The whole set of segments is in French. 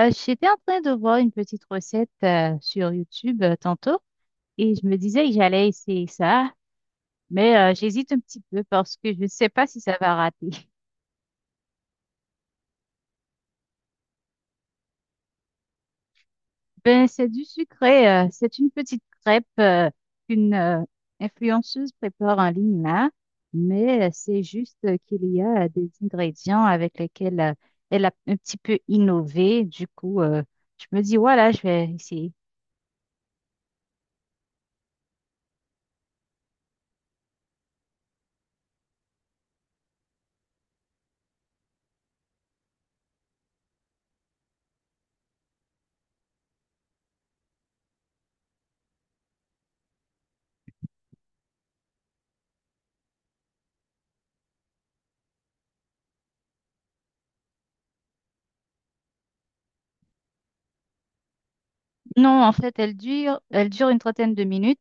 J'étais en train de voir une petite recette sur YouTube tantôt et je me disais que j'allais essayer ça, mais j'hésite un petit peu parce que je ne sais pas si ça va rater. Ben, c'est du sucré, c'est une petite crêpe qu'une influenceuse prépare en ligne là, mais c'est juste qu'il y a des ingrédients avec lesquels elle a un petit peu innové. Du coup, je me dis, voilà, je vais essayer. Non, en fait, elle dure une trentaine de minutes.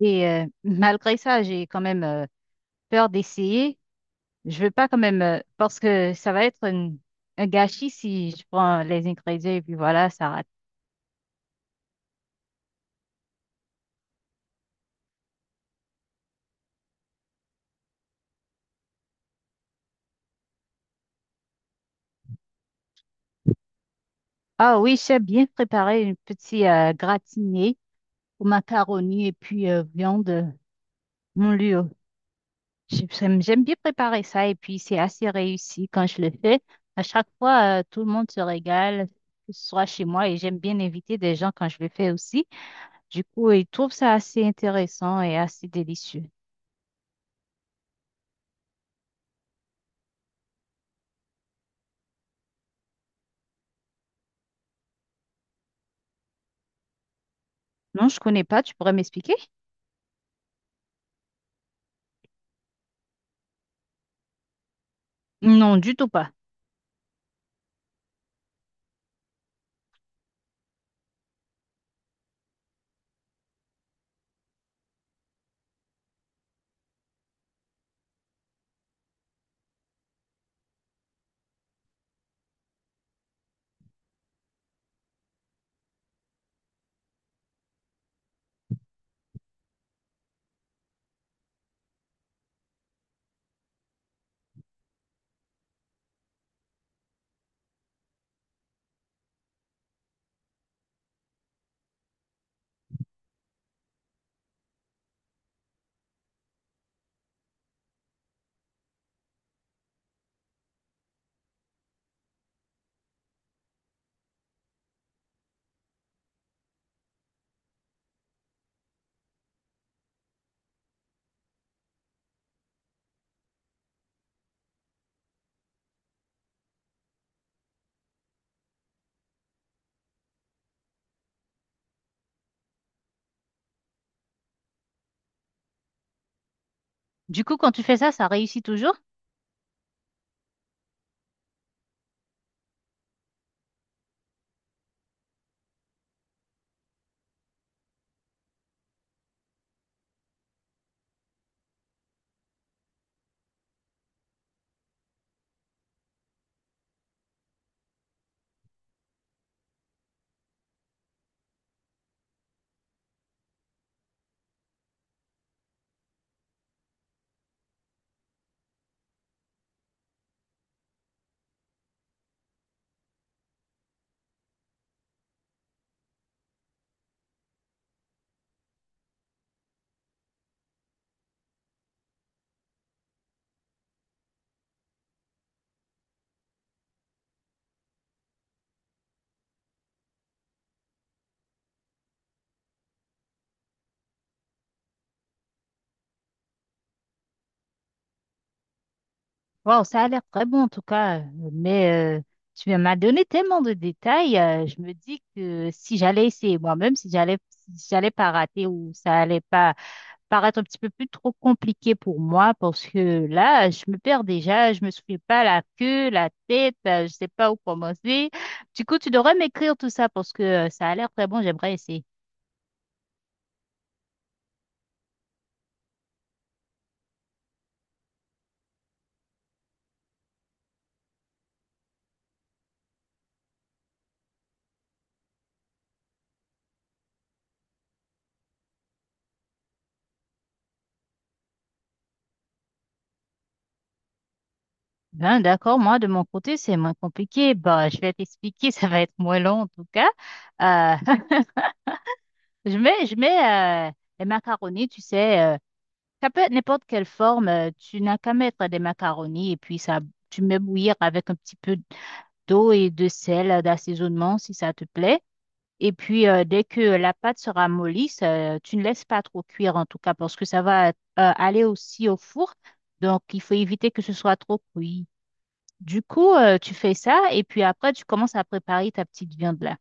Et malgré ça, j'ai quand même peur d'essayer. Je veux pas quand même, parce que ça va être un gâchis si je prends les ingrédients et puis voilà, ça rate. Ah oui, j'ai bien préparé une petite gratinée aux macaronis et puis viande moulure. J'aime bien préparer ça et puis c'est assez réussi quand je le fais. À chaque fois, tout le monde se régale, que ce soit chez moi et j'aime bien inviter des gens quand je le fais aussi. Du coup, ils trouvent ça assez intéressant et assez délicieux. Non, je connais pas. Tu pourrais m'expliquer? Non, du tout pas. Du coup, quand tu fais ça, ça réussit toujours? Waouh, ça a l'air très bon en tout cas. Mais tu m'as donné tellement de détails. Je me dis que si j'allais essayer moi-même, si j'allais, si j'allais pas rater ou ça allait pas paraître un petit peu plus trop compliqué pour moi, parce que là, je me perds déjà. Je me souviens pas la queue, la tête. Je sais pas où commencer. Du coup, tu devrais m'écrire tout ça parce que ça a l'air très bon. J'aimerais essayer. Ben, d'accord, moi de mon côté c'est moins compliqué. Bah, je vais t'expliquer, ça va être moins long en tout cas. Euh, je mets les macaronis, tu sais, ça peut être n'importe quelle forme. Tu n'as qu'à mettre des macaronis et puis ça, tu mets bouillir avec un petit peu d'eau et de sel d'assaisonnement si ça te plaît. Et puis dès que la pâte sera mollisse, tu ne laisses pas trop cuire en tout cas parce que ça va aller aussi au four. Donc il faut éviter que ce soit trop cuit. Du coup, tu fais ça et puis après, tu commences à préparer ta petite viande là.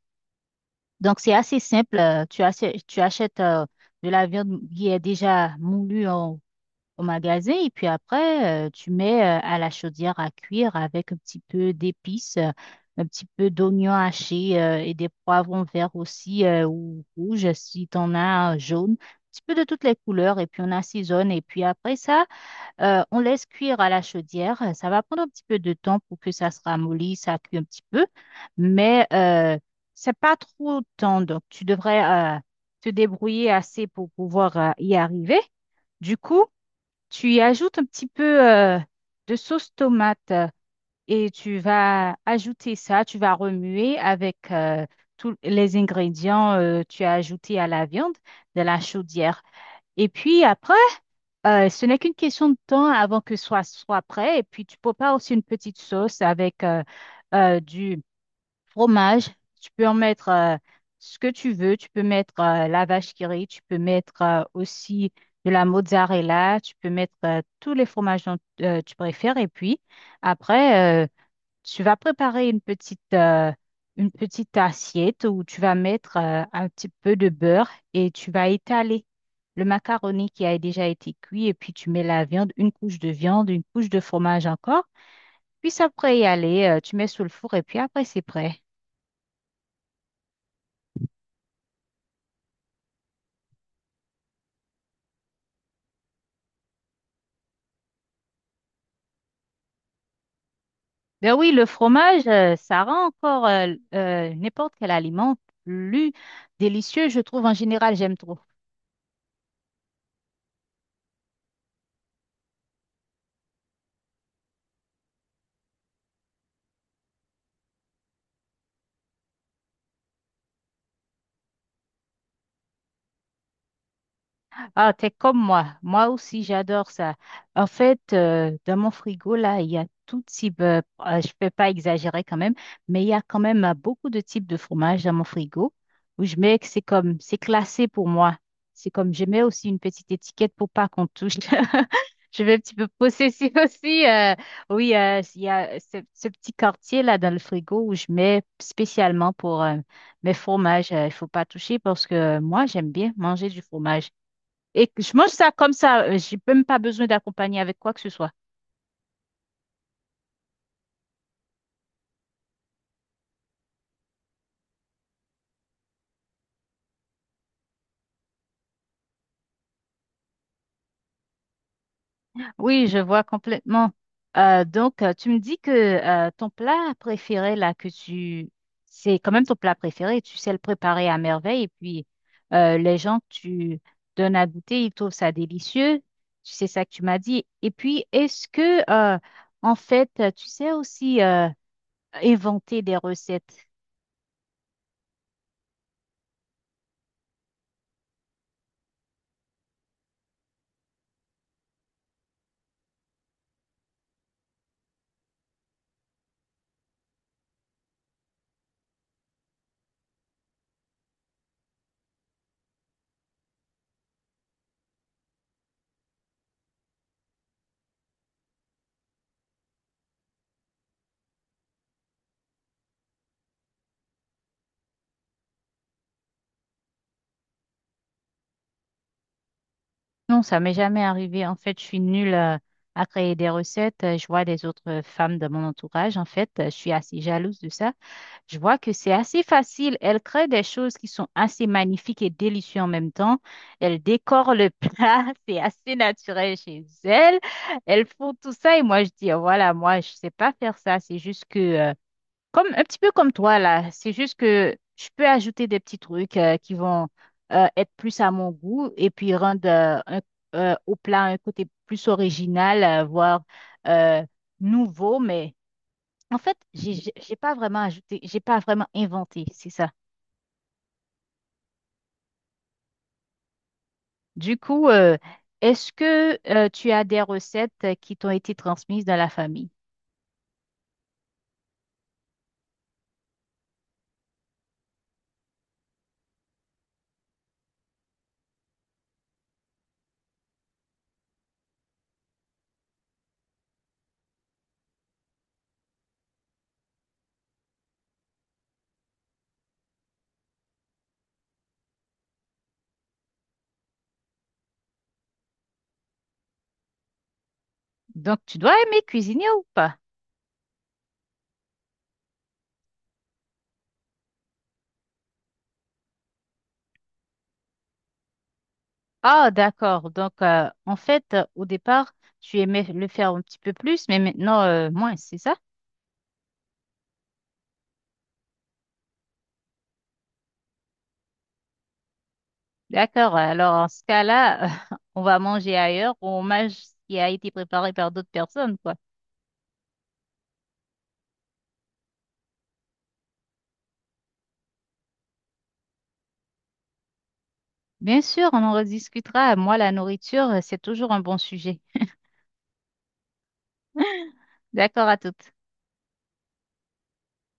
Donc, c'est assez simple. Tu achètes de la viande qui est déjà moulue au magasin et puis après, tu mets à la chaudière à cuire avec un petit peu d'épices, un petit peu d'oignons hachés et des poivrons verts aussi ou rouges si tu en as jaune, un petit peu de toutes les couleurs et puis on assaisonne et puis après ça, on laisse cuire à la chaudière. Ça va prendre un petit peu de temps pour que ça se ramollisse, ça cuit un petit peu, mais c'est pas trop temps. Donc, tu devrais euh, te débrouiller assez pour pouvoir y arriver. Du coup, tu y ajoutes un petit peu de sauce tomate et tu vas ajouter ça. Tu vas remuer avec tous les ingrédients tu as ajoutés à la viande de la chaudière. Et puis après, ce n'est qu'une question de temps avant que ce soit prêt. Et puis, tu prépares aussi une petite sauce avec du fromage. Tu peux en mettre ce que tu veux. Tu peux mettre la vache qui rit. Tu peux mettre aussi de la mozzarella. Tu peux mettre tous les fromages dont tu préfères. Et puis, après, tu vas préparer une petite assiette où tu vas mettre un petit peu de beurre et tu vas étaler le macaroni qui a déjà été cuit et puis tu mets la viande, une couche de viande, une couche de fromage encore. Puis après y aller, tu mets sous le four et puis après c'est prêt. Ben oui, le fromage, ça rend encore n'importe quel aliment plus délicieux, je trouve en général, j'aime trop. Ah, t'es comme moi. Moi aussi, j'adore ça. En fait, dans mon frigo, là, il y a tout type, ah, je peux pas exagérer quand même, mais il y a quand même beaucoup de types de fromages dans mon frigo où je mets que c'est comme, c'est classé pour moi. C'est comme, je mets aussi une petite étiquette pour pas qu'on touche. Je vais un petit peu possessive aussi. Oui, il y a ce petit quartier là dans le frigo où je mets spécialement pour mes fromages. Il faut pas toucher parce que moi, j'aime bien manger du fromage. Et que je mange ça comme ça. J'ai même pas besoin d'accompagner avec quoi que ce soit. Oui, je vois complètement. Donc, tu me dis que ton plat préféré, là, que tu... C'est quand même ton plat préféré. Tu sais le préparer à merveille. Et puis, les gens que tu donnes à goûter, ils trouvent ça délicieux. Tu sais ça que tu m'as dit. Et puis, est-ce que, en fait, tu sais aussi inventer des recettes? Non, ça m'est jamais arrivé. En fait, je suis nulle à créer des recettes. Je vois des autres femmes de mon entourage. En fait, je suis assez jalouse de ça. Je vois que c'est assez facile. Elles créent des choses qui sont assez magnifiques et délicieuses en même temps. Elles décorent le plat. C'est assez naturel chez elles. Elles font tout ça. Et moi, je dis, oh, voilà, moi, je sais pas faire ça. C'est juste que, comme, un petit peu comme toi, là. C'est juste que je peux ajouter des petits trucs qui vont être plus à mon goût et puis rendre au plat un côté plus original, voire euh, nouveau. Mais en fait, j'ai pas vraiment ajouté, j'ai pas vraiment inventé, c'est ça. Du coup, est-ce que tu as des recettes qui t'ont été transmises dans la famille? Donc, tu dois aimer cuisiner ou pas? Ah, d'accord. Donc, en fait, au départ, tu aimais le faire un petit peu plus, mais maintenant, moins, c'est ça? D'accord. Alors, en ce cas-là, on va manger ailleurs ou on mange ce qui a été préparé par d'autres personnes, quoi. Bien sûr, on en rediscutera. Moi, la nourriture, c'est toujours un bon sujet. D'accord à toutes.